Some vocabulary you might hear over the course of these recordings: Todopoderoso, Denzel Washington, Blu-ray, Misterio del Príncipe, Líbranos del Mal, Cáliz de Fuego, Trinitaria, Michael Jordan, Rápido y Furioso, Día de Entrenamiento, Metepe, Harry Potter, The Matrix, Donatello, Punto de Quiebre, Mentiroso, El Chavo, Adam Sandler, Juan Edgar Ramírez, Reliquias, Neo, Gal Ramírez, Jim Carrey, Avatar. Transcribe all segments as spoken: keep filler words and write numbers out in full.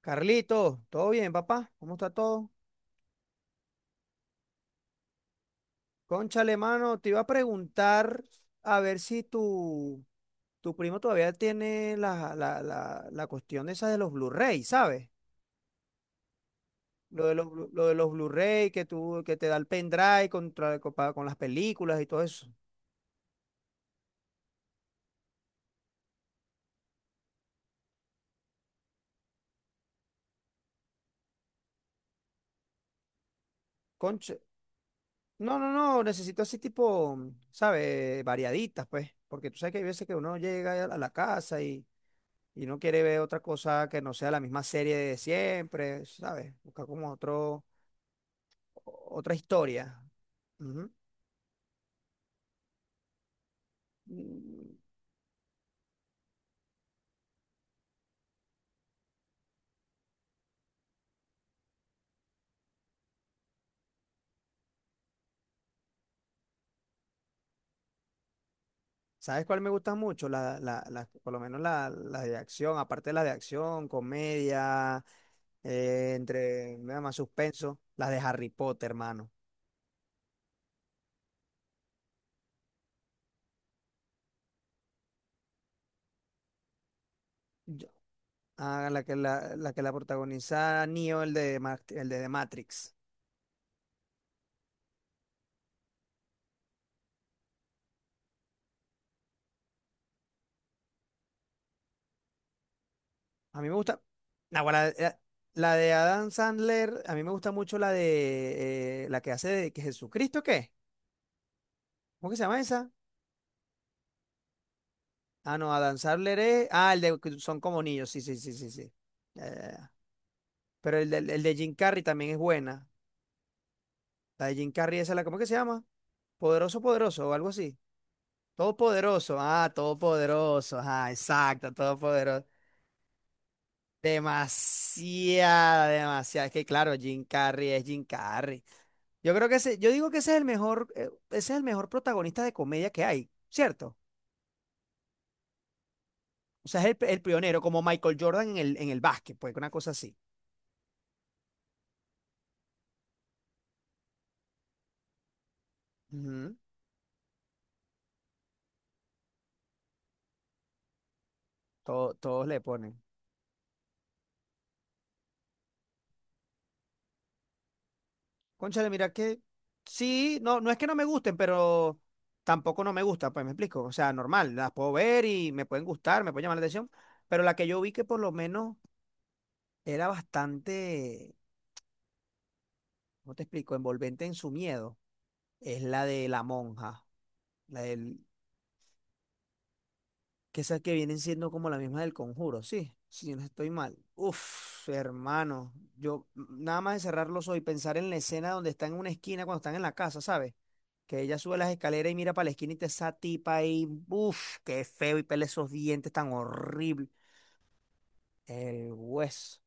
Carlito, ¿todo bien, papá? ¿Cómo está todo? Cónchale, mano, te iba a preguntar a ver si tu, tu primo todavía tiene la, la, la, la cuestión esa de los Blu-ray, ¿sabes? Lo de los, Blu- lo de los Blu-ray que tú, que te da el pendrive contra, con, pa- con las películas y todo eso. Concha, no, no, no, necesito así tipo, ¿sabes? Variaditas, pues, porque tú sabes que hay veces que uno llega a la casa y Y uno quiere ver otra cosa que no sea la misma serie de siempre, ¿sabes? Buscar como otro, otra historia. Ujú. Mm, ¿sabes cuál me gusta mucho? La, la- la- por lo menos la, la de acción, aparte de la de acción, comedia, eh, entre nada más suspenso, la de Harry Potter, hermano. Yo- ah, la que la, la que la protagoniza Neo, el de, Ma- el de The Matrix. A mí me gusta. Nah, bueno, la, la- la de Adam Sandler, a mí me gusta mucho la de eh, la que hace de que Jesucristo, ¿qué? ¿Cómo que se llama esa? Ah, no, Adam Sandler es. Ah, el de que son como niños, sí, sí, sí, sí, sí. Ya, ya, ya. Pero el de, el de Jim Carrey también es buena. La de Jim Carrey, esa la, ¿cómo que se llama? Poderoso, poderoso, o algo así. Todopoderoso. Ah, todopoderoso. Ah, exacto, todopoderoso. Demasiada, demasiada. Es que claro, Jim Carrey es Jim Carrey. Yo creo que ese, yo digo que ese es el mejor, eh, ese es el mejor protagonista de comedia que hay, ¿cierto? O sea, es el, el pionero, como Michael Jordan en el, en el básquet, pues una cosa así. Ujú. Todo- todos le ponen. Cónchale, mira que sí, no, no es que no me gusten, pero tampoco no me gusta, pues me explico. O sea, normal, las puedo ver y me pueden gustar, me pueden llamar la atención, pero la que yo vi que por lo menos era bastante, ¿cómo te explico? Envolvente en su miedo, es la de la monja, la del que esas que vienen siendo como las mismas del conjuro, sí, si no estoy mal. Uf, hermano, yo mm, nada más de cerrar los ojos y pensar en la escena donde está en una esquina cuando están en la casa, ¿sabes? Que ella sube las escaleras y mira para la esquina y te esa tipa ahí, uf, qué feo y pele esos dientes tan horrible. El hueso.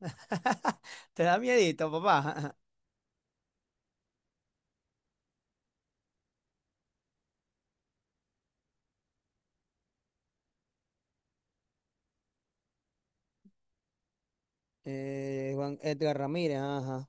Te da miedito, papá. Eh, Juan Edgar Ramírez, ajá.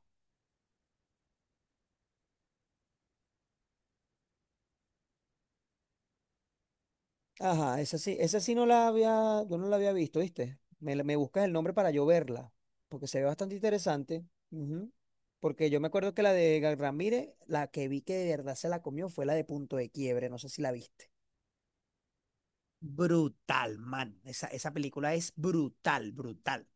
Ajá, esa sí, esa sí no la había, yo no la había visto, ¿viste? Me, la- me buscas el nombre para yo verla, porque se ve bastante interesante. Ujú. Porque yo me acuerdo que la de Gal Ramírez, la que vi que de verdad se la comió fue la de Punto de Quiebre, no sé si la viste. Brutal, man. Esa, esa película es brutal, brutal.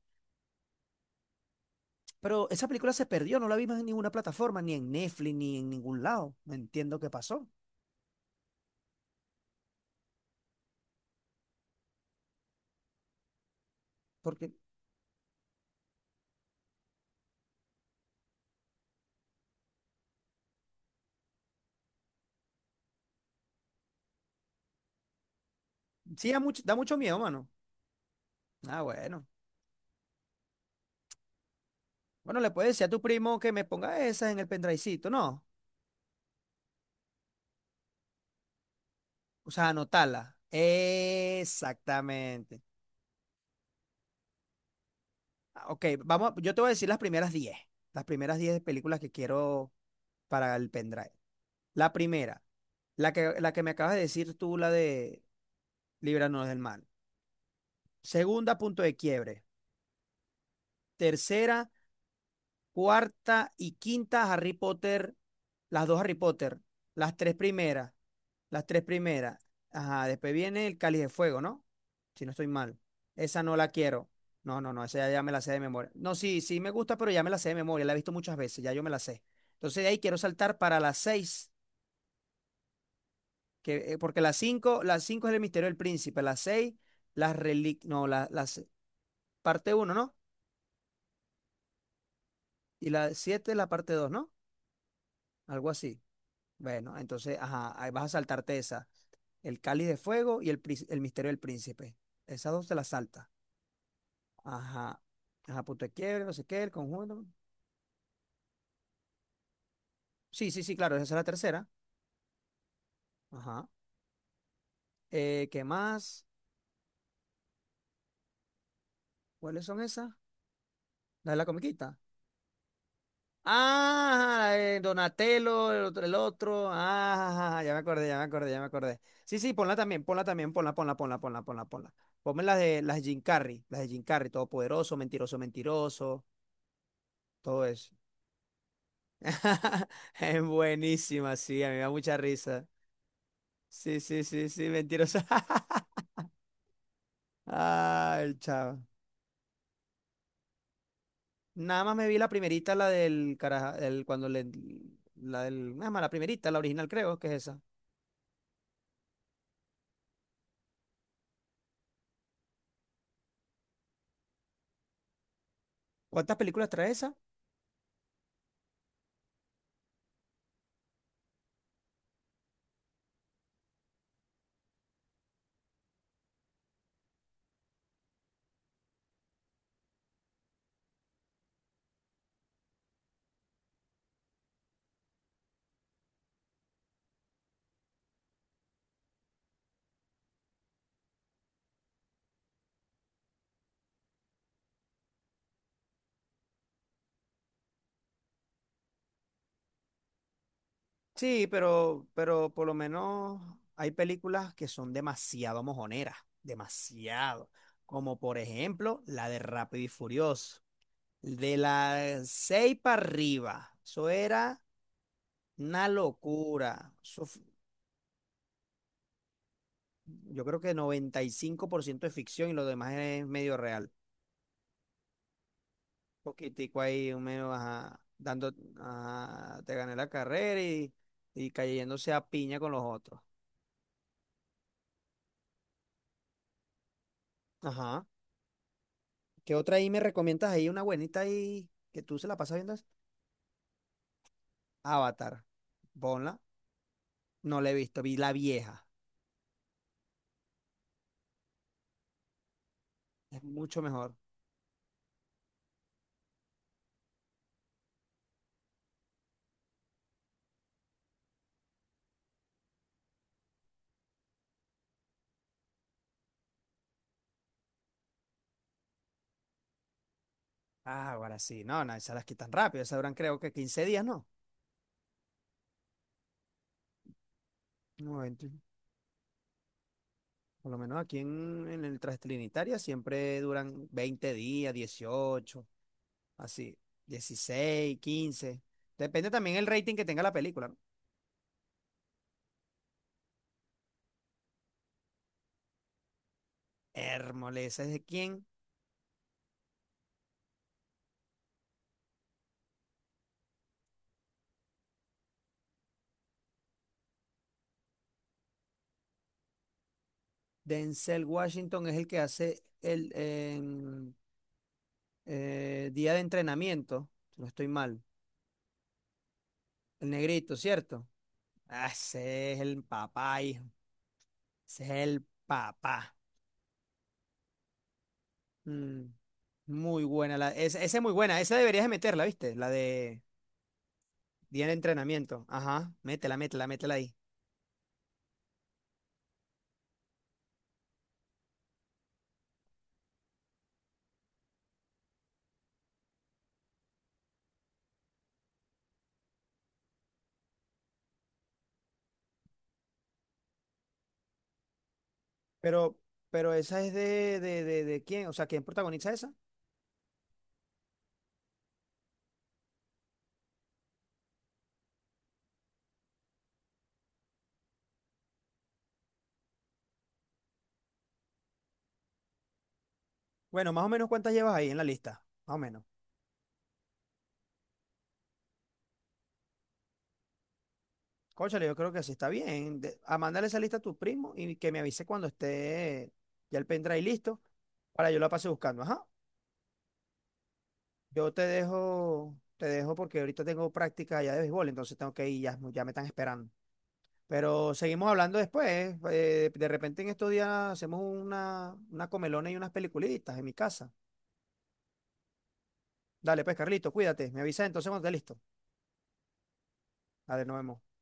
Pero esa película se perdió, no la vimos en ninguna plataforma, ni en Netflix, ni en ningún lado. No entiendo qué pasó. Porque sí, da mucho, da mucho miedo, mano. Ah, bueno. Bueno, le puedes decir a tu primo que me ponga esas en el pendrivecito, ¿no? O sea, anotarla. Exactamente. Ah, ok, vamos, a- yo te voy a decir las primeras diez, las primeras diez películas que quiero para el pendrive. La primera, la que, la que me acabas de decir tú, la de Líbranos del Mal. Segunda, Punto de Quiebre. Tercera, cuarta y quinta, Harry Potter. Las dos Harry Potter. Las tres primeras. Las tres primeras. Ajá, después viene el Cáliz de Fuego, ¿no? Si no estoy mal. Esa no la quiero. No, no, no, esa ya, ya me la sé de memoria. No, sí, sí me gusta, pero ya me la sé de memoria. La he visto muchas veces, ya yo me la sé. Entonces de ahí quiero saltar para las seis, que, eh, porque las cinco, las cinco es el misterio del príncipe, las seis, las reliquias, no, la- las parte uno, ¿no? Y la siete, la parte dos, ¿no? Algo así. Bueno, entonces, ajá, ahí vas a saltarte esa. El cáliz de fuego y el, pris- el misterio del príncipe. Esas dos te las saltas. Ajá. Ajá, punto de quiebre, no sé qué, el conjunto. Sí, sí, sí, claro, esa es la tercera. Ajá. Eh, ¿qué más? ¿Cuáles son esas? La de la comiquita. Ah, eh, Donatello, el otro, el otro. Ah, ya me acordé, ya me acordé, ya me acordé. Sí, sí, ponla también, ponla también, ponla, ponla, ponla, ponla, ponla, ponla. Ponme las de las de Jim Carrey, las de Jim Carrey, todopoderoso, mentiroso, mentiroso, todo eso. Es buenísima, sí, a mí me da mucha risa. Sí, sí, sí, sí, mentiroso. Ah, el chavo. Nada más me vi la primerita, la del caraja, el, cuando le, la del, nada más la primerita, la original creo que es esa. ¿Cuántas películas trae esa? Sí, pero, pero por lo menos hay películas que son demasiado mojoneras, demasiado. Como por ejemplo la de Rápido y Furioso. De las seis para arriba. Eso era una locura. Eso fu- yo creo que noventa y cinco por ciento es ficción y lo demás es medio real. Poquitico ahí, un menos, ajá, dando, ajá, te gané la carrera y, y cayéndose a piña con los otros. Ajá. ¿Qué otra ahí me recomiendas ahí? Una buenita ahí que tú se la pasas viendo. Avatar. Ponla. No la he visto, vi la vieja. Es mucho mejor. Ah, ahora sí. No, no, esas las quitan rápido. Esas duran creo que quince días, ¿no? No, veinte. Por lo menos aquí en, en el Trinitaria siempre duran veinte días, dieciocho así, dieciséis, quince. Depende también el rating que tenga la película, ¿no? Hérmoles, ¿es de quién? Denzel Washington es el que hace el en, eh, día de entrenamiento. Si no estoy mal. El negrito, ¿cierto? Ah, ese es el papá, hijo. Ese es el papá. Mm, muy buena. La, esa, esa es muy buena. Esa deberías de meterla, ¿viste? La de día de entrenamiento. Ajá, métela, métela, métela ahí. Pero, pero esa es de, de, de, de quién? O sea, ¿quién protagoniza esa? Bueno, más o menos cuántas llevas ahí en la lista. Más o menos. Cónchale, yo creo que sí está bien. De- a mandarle esa lista a tu primo y que me avise cuando esté ya el pendrive listo para yo la pase buscando. Ajá. Yo te dejo, te dejo porque ahorita tengo práctica ya de béisbol, entonces tengo que ir, ya, ya me están esperando. Pero seguimos hablando después. Eh, de repente en estos días hacemos una, una comelona y unas peliculitas en mi casa. Dale, pues, Carlito, cuídate. Me avisa entonces cuando esté listo. Dale, nos vemos.